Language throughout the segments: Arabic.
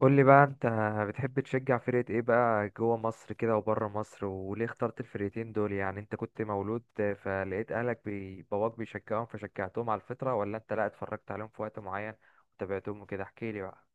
قول لي بقى انت، بتحب تشجع فرقة ايه بقى جوه مصر كده وبره مصر؟ وليه اخترت الفرقتين دول؟ يعني انت كنت مولود فلقيت اهلك باباك بيشجعهم فشجعتهم على الفطرة، ولا انت لا اتفرجت عليهم في وقت معين وتابعتهم وكده؟ احكي لي بقى.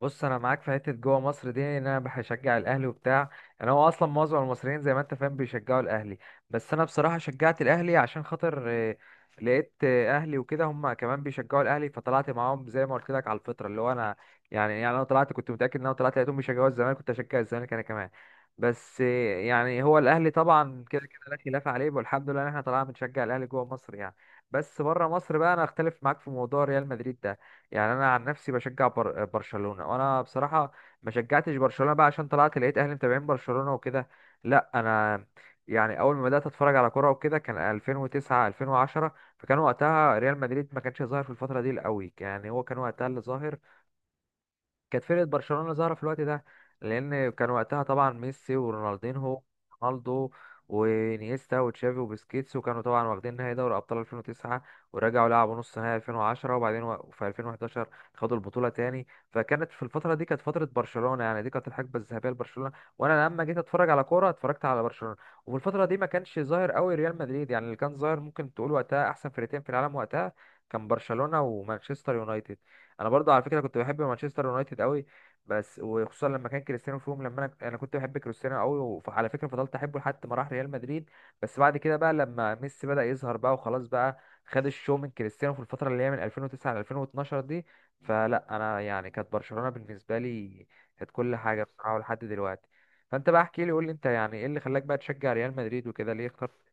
بص، انا معاك في حته جوه مصر دي، ان انا بشجع الاهلي وبتاع. انا هو اصلا معظم المصريين زي ما انت فاهم بيشجعوا الاهلي. بس انا بصراحه شجعت الاهلي عشان خاطر لقيت اهلي وكده، هم كمان بيشجعوا الاهلي فطلعت معاهم زي ما قلت لك على الفطره، اللي هو انا يعني انا طلعت، كنت متاكد ان انا طلعت لقيتهم بيشجعوا الزمالك كنت اشجع الزمالك انا كمان. بس يعني هو الاهلي طبعا كده كده لا خلاف عليه، والحمد لله ان احنا طلعنا بنشجع الاهلي جوه مصر يعني. بس بره مصر بقى انا اختلف معاك في موضوع ريال مدريد ده. يعني انا عن نفسي بشجع برشلونه. وانا بصراحه ما شجعتش برشلونه بقى عشان طلعت لقيت اهلي متابعين برشلونه وكده. لا انا يعني اول ما بدات اتفرج على كوره وكده كان 2009 2010. فكان وقتها ريال مدريد ما كانش ظاهر في الفتره دي قوي، يعني هو كان وقتها اللي ظاهر كانت فرقة برشلونة ظاهرة في الوقت ده. لأن كان وقتها طبعا ميسي ورونالدينهو، رونالدو، وانيستا وتشافي وبسكيتس، وكانوا طبعا واخدين نهائي دوري ابطال 2009. ورجعوا لعبوا نص نهائي 2010، وبعدين في 2011 خدوا البطوله تاني. فكانت في الفتره دي كانت فتره برشلونه، يعني دي كانت الحقبه الذهبيه لبرشلونه. وانا لما جيت اتفرج على كوره اتفرجت على برشلونه. وفي الفتره دي ما كانش ظاهر قوي ريال مدريد، يعني اللي كان ظاهر ممكن تقول وقتها احسن فرقتين في العالم وقتها كان برشلونه ومانشستر يونايتد. انا برضو على فكره كنت بحب مانشستر يونايتد قوي، بس وخصوصا لما كان كريستيانو فيهم. لما انا كنت بحب كريستيانو قوي. وعلى فكره فضلت احبه لحد ما راح ريال مدريد. بس بعد كده بقى لما ميسي بدا يظهر بقى وخلاص بقى خد الشو من كريستيانو في الفتره اللي هي من 2009 ل 2012 دي. فلا انا يعني كانت برشلونه بالنسبه لي، كانت كل حاجه بصراحه لحد دلوقتي. فانت بقى احكي لي، قول لي انت يعني ايه اللي خلاك بقى تشجع ريال مدريد وكده؟ ليه اخترت؟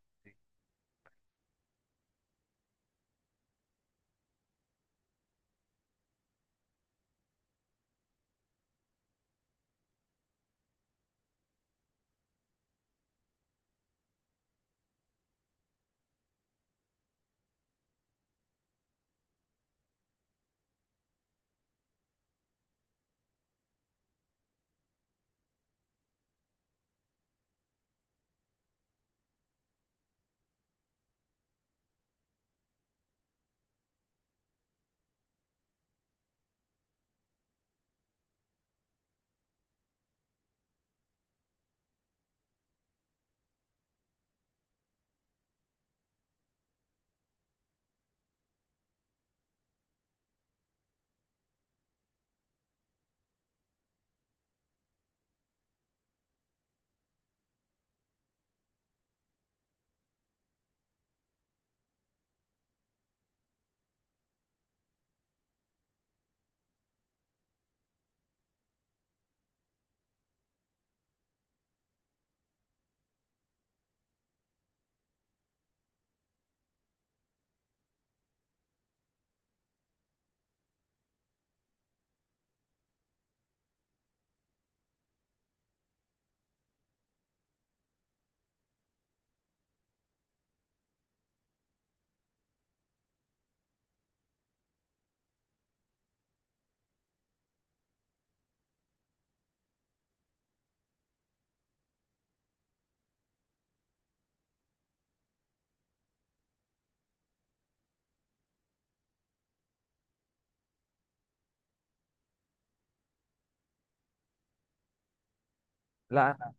لا،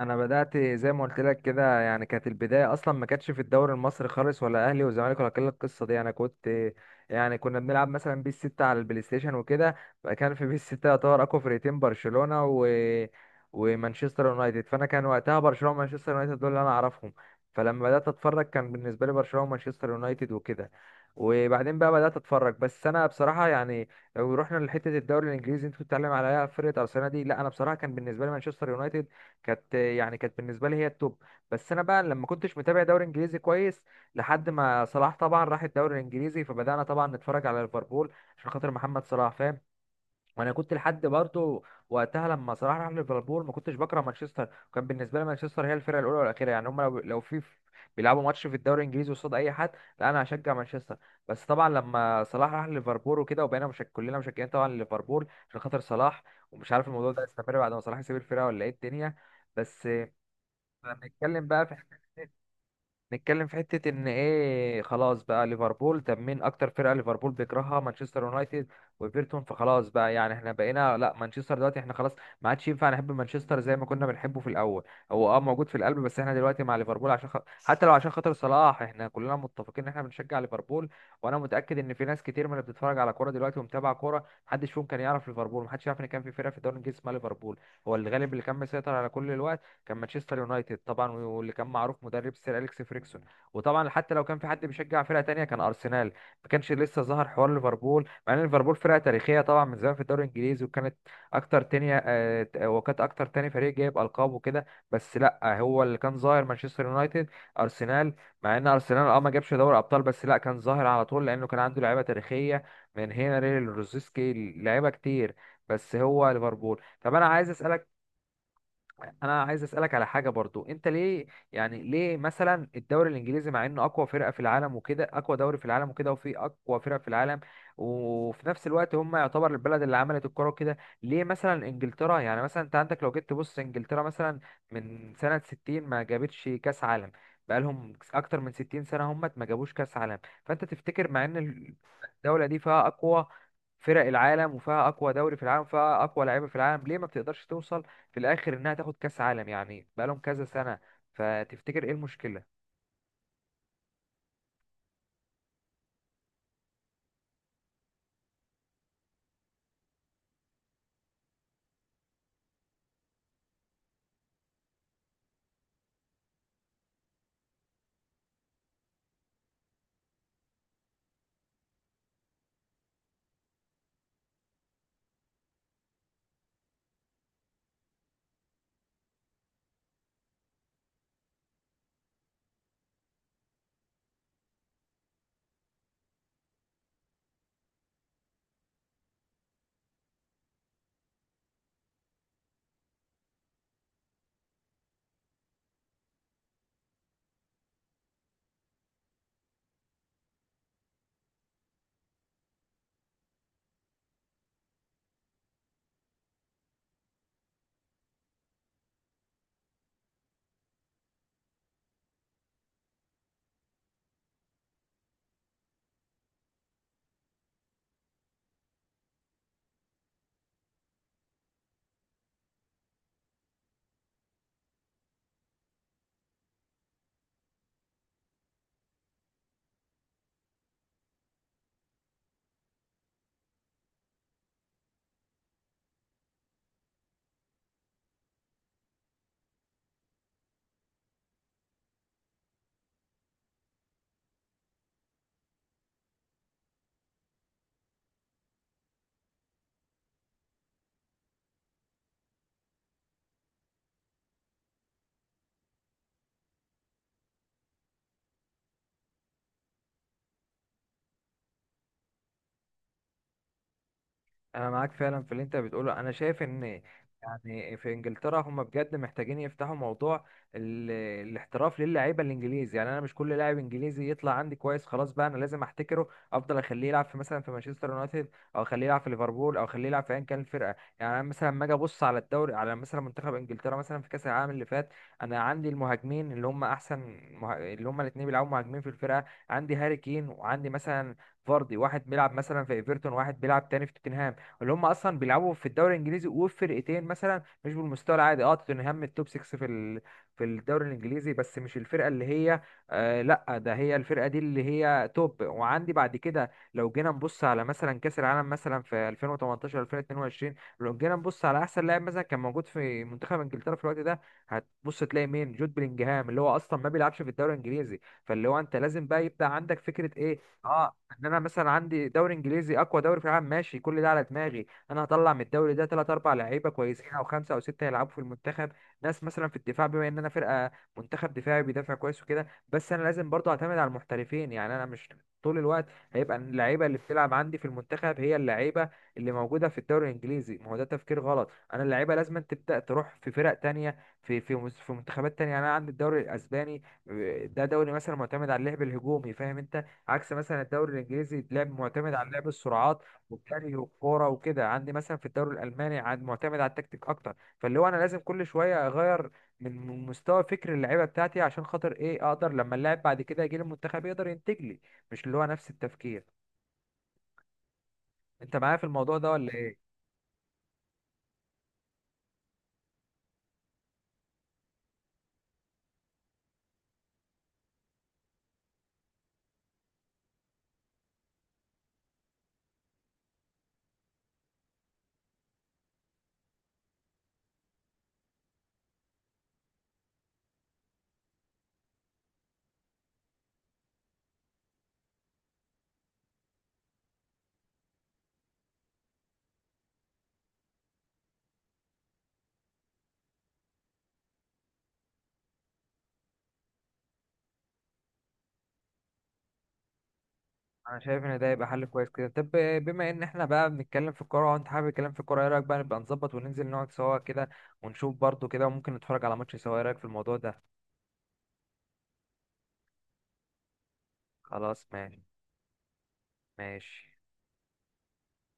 انا بدات زي ما قلت لك كده، يعني كانت البدايه اصلا ما كانتش في الدوري المصري خالص، ولا اهلي وزمالك ولا كل القصه دي. انا كنت يعني كنا بنلعب مثلا بيس 6 على البلاي ستيشن وكده. كان في بيس 6 يعتبر اقوى فرقتين برشلونه ومانشستر يونايتد. فانا كان وقتها برشلونه ومانشستر يونايتد دول اللي انا اعرفهم. فلما بدات اتفرج كان بالنسبه لي برشلونه ومانشستر يونايتد وكده. وبعدين بقى بدات اتفرج. بس انا بصراحه يعني لو رحنا لحته الدوري الانجليزي انت كنت بتتكلم عليها فرقه ارسنال دي، لا انا بصراحه كان بالنسبه لي مانشستر يونايتد كانت، يعني كانت بالنسبه لي هي التوب. بس انا بقى لما كنتش متابع دوري انجليزي كويس لحد ما صلاح طبعا راح الدوري الانجليزي، فبدانا طبعا نتفرج على ليفربول عشان خاطر محمد صلاح، فاهم؟ وانا كنت لحد برضه وقتها لما صلاح راح ليفربول ما كنتش بكره مانشستر، وكان بالنسبه لي مانشستر هي الفرقه الاولى والاخيره. يعني هم لو في بيلعبوا ماتش في الدوري الانجليزي قصاد اي حد، لا انا هشجع مانشستر. بس طبعا لما صلاح راح ليفربول وكده، وبقينا مش كلنا مشجعين طبعا ليفربول عشان خاطر صلاح. ومش عارف الموضوع ده استمر بعد ما صلاح يسيب الفرقه ولا ايه الدنيا. بس لما نتكلم بقى في نتكلم في حتة إن إيه خلاص بقى ليفربول. طب مين أكتر فرقة ليفربول بيكرهها؟ مانشستر يونايتد وإيفرتون. فخلاص بقى يعني إحنا بقينا لأ مانشستر، دلوقتي إحنا خلاص ما عادش ينفع نحب مانشستر زي ما كنا بنحبه في الأول. هو أه موجود في القلب، بس إحنا دلوقتي مع ليفربول عشان حتى لو عشان خاطر صلاح إحنا كلنا متفقين إن إحنا بنشجع ليفربول. وأنا متأكد إن في ناس كتير من اللي بتتفرج على كورة دلوقتي ومتابعة كورة، محدش فيهم كان يعرف ليفربول، محدش يعرف إن كان في فرقة في الدوري الإنجليزي اسمها ليفربول. هو الغالب اللي كان مسيطر على كل الوقت كان مانشستر يونايتد طبعا، واللي كان معروف مدرب سير اليكس فريكسون. وطبعا حتى لو كان في حد بيشجع فرقه تانية كان ارسنال. ما كانش لسه ظهر حوار ليفربول، مع ان ليفربول فرقه تاريخيه طبعا من زمان في الدوري الانجليزي وكانت اكتر تانية، وكانت اكتر تاني فريق جايب القاب وكده. بس لا هو اللي كان ظاهر مانشستر يونايتد، ارسنال. مع ان ارسنال اه ما جابش دوري ابطال، بس لا كان ظاهر على طول لانه كان عنده لعيبه تاريخيه، من هنري لروزيسكي، لعيبه كتير. بس هو ليفربول، طب انا عايز اسالك على حاجه برضو. انت ليه يعني ليه مثلا الدوري الانجليزي، مع انه اقوى فرقه في العالم وكده، اقوى دوري في العالم وكده، وفي اقوى فرق في العالم، وفي نفس الوقت هم يعتبر البلد اللي عملت الكوره وكده، ليه مثلا انجلترا، يعني مثلا انت عندك لو جيت تبص انجلترا مثلا من سنه 60 ما جابتش كاس عالم؟ بقالهم اكتر من 60 سنه هم ما جابوش كاس عالم. فانت تفتكر، مع ان الدوله دي فيها اقوى فرق العالم وفيها اقوى دوري في العالم وفيها اقوى لعيبه في العالم، ليه ما بتقدرش توصل في الاخر انها تاخد كاس عالم، يعني بقالهم كذا سنه؟ فتفتكر ايه المشكله؟ انا معاك فعلا في اللي انت بتقوله. انا شايف ان يعني في انجلترا هم بجد محتاجين يفتحوا موضوع ال... الاحتراف للاعيبه الانجليزي. يعني انا مش كل لاعب انجليزي يطلع عندي كويس خلاص بقى انا لازم احتكره، افضل اخليه يلعب في مثلا في مانشستر يونايتد، او اخليه يلعب في ليفربول، او اخليه يلعب في ايا كان الفرقه. يعني انا مثلا لما اجي ابص على الدوري، على مثلا منتخب انجلترا مثلا في كاس العالم اللي فات، انا عندي المهاجمين اللي هم احسن اللي هم الاثنين بيلعبوا مهاجمين في الفرقه. عندي هاري كين، وعندي مثلا فاردي، واحد بيلعب مثلا في ايفرتون، واحد بيلعب تاني في توتنهام، اللي هم اصلا بيلعبوا في الدوري الانجليزي، وفرقتين مثلا مش بالمستوى العادي. اه، توتنهام التوب 6 في في الدوري الانجليزي، بس مش الفرقه اللي هي، لا ده هي الفرقه دي اللي هي توب. وعندي بعد كده لو جينا نبص على مثلا كاس العالم مثلا في 2018 2022، لو جينا نبص على احسن لاعب مثلا كان موجود في منتخب انجلترا في الوقت ده، هتبص تلاقي مين؟ جود بلينجهام، اللي هو اصلا ما بيلعبش في الدوري الانجليزي. فاللي هو انت لازم بقى يبدا عندك فكره ايه. اه، ان انا مثلا عندي دوري انجليزي اقوى دوري في العالم، ماشي كل ده على دماغي. انا هطلع من الدوري ده ثلاث اربع لعيبه كويسين او خمسه او سته يلعبوا في المنتخب. ناس مثلا في الدفاع، بما ان انا منتخب دفاعي بيدافع كويس وكده. بس انا لازم برضه اعتمد على المحترفين، يعني انا مش طول الوقت هيبقى اللعيبه اللي بتلعب عندي في المنتخب هي اللعيبه اللي موجوده في الدوري الانجليزي. ما هو ده تفكير غلط. انا اللعيبه لازم تبدا تروح في فرق تانية، في منتخبات تانية. يعني انا عندي الدوري الاسباني ده دوري مثلا معتمد على اللعب الهجومي، فاهم انت؟ عكس مثلا الدوري الانجليزي لعب معتمد على لعب السرعات والجري والكوره وكده. عندي مثلا في الدوري الالماني عن معتمد على التكتيك اكتر، فاللي هو انا لازم كل شويه اغير من مستوى فكر اللعيبه بتاعتي عشان خاطر ايه؟ اقدر لما اللاعب بعد كده يجي المنتخب يقدر ينتج لي، مش اللي هو نفس التفكير. انت معايا في الموضوع ده ولا ايه؟ انا شايف ان ده يبقى حل كويس كده. طب بما ان احنا بقى بنتكلم في الكوره وانت حابب الكلام في الكوره، ايه رايك بقى نبقى نظبط وننزل نقعد سوا كده، ونشوف برضو كده، وممكن نتفرج على ماتش سوا؟ ايه رايك في الموضوع ده؟ خلاص ماشي ماشي.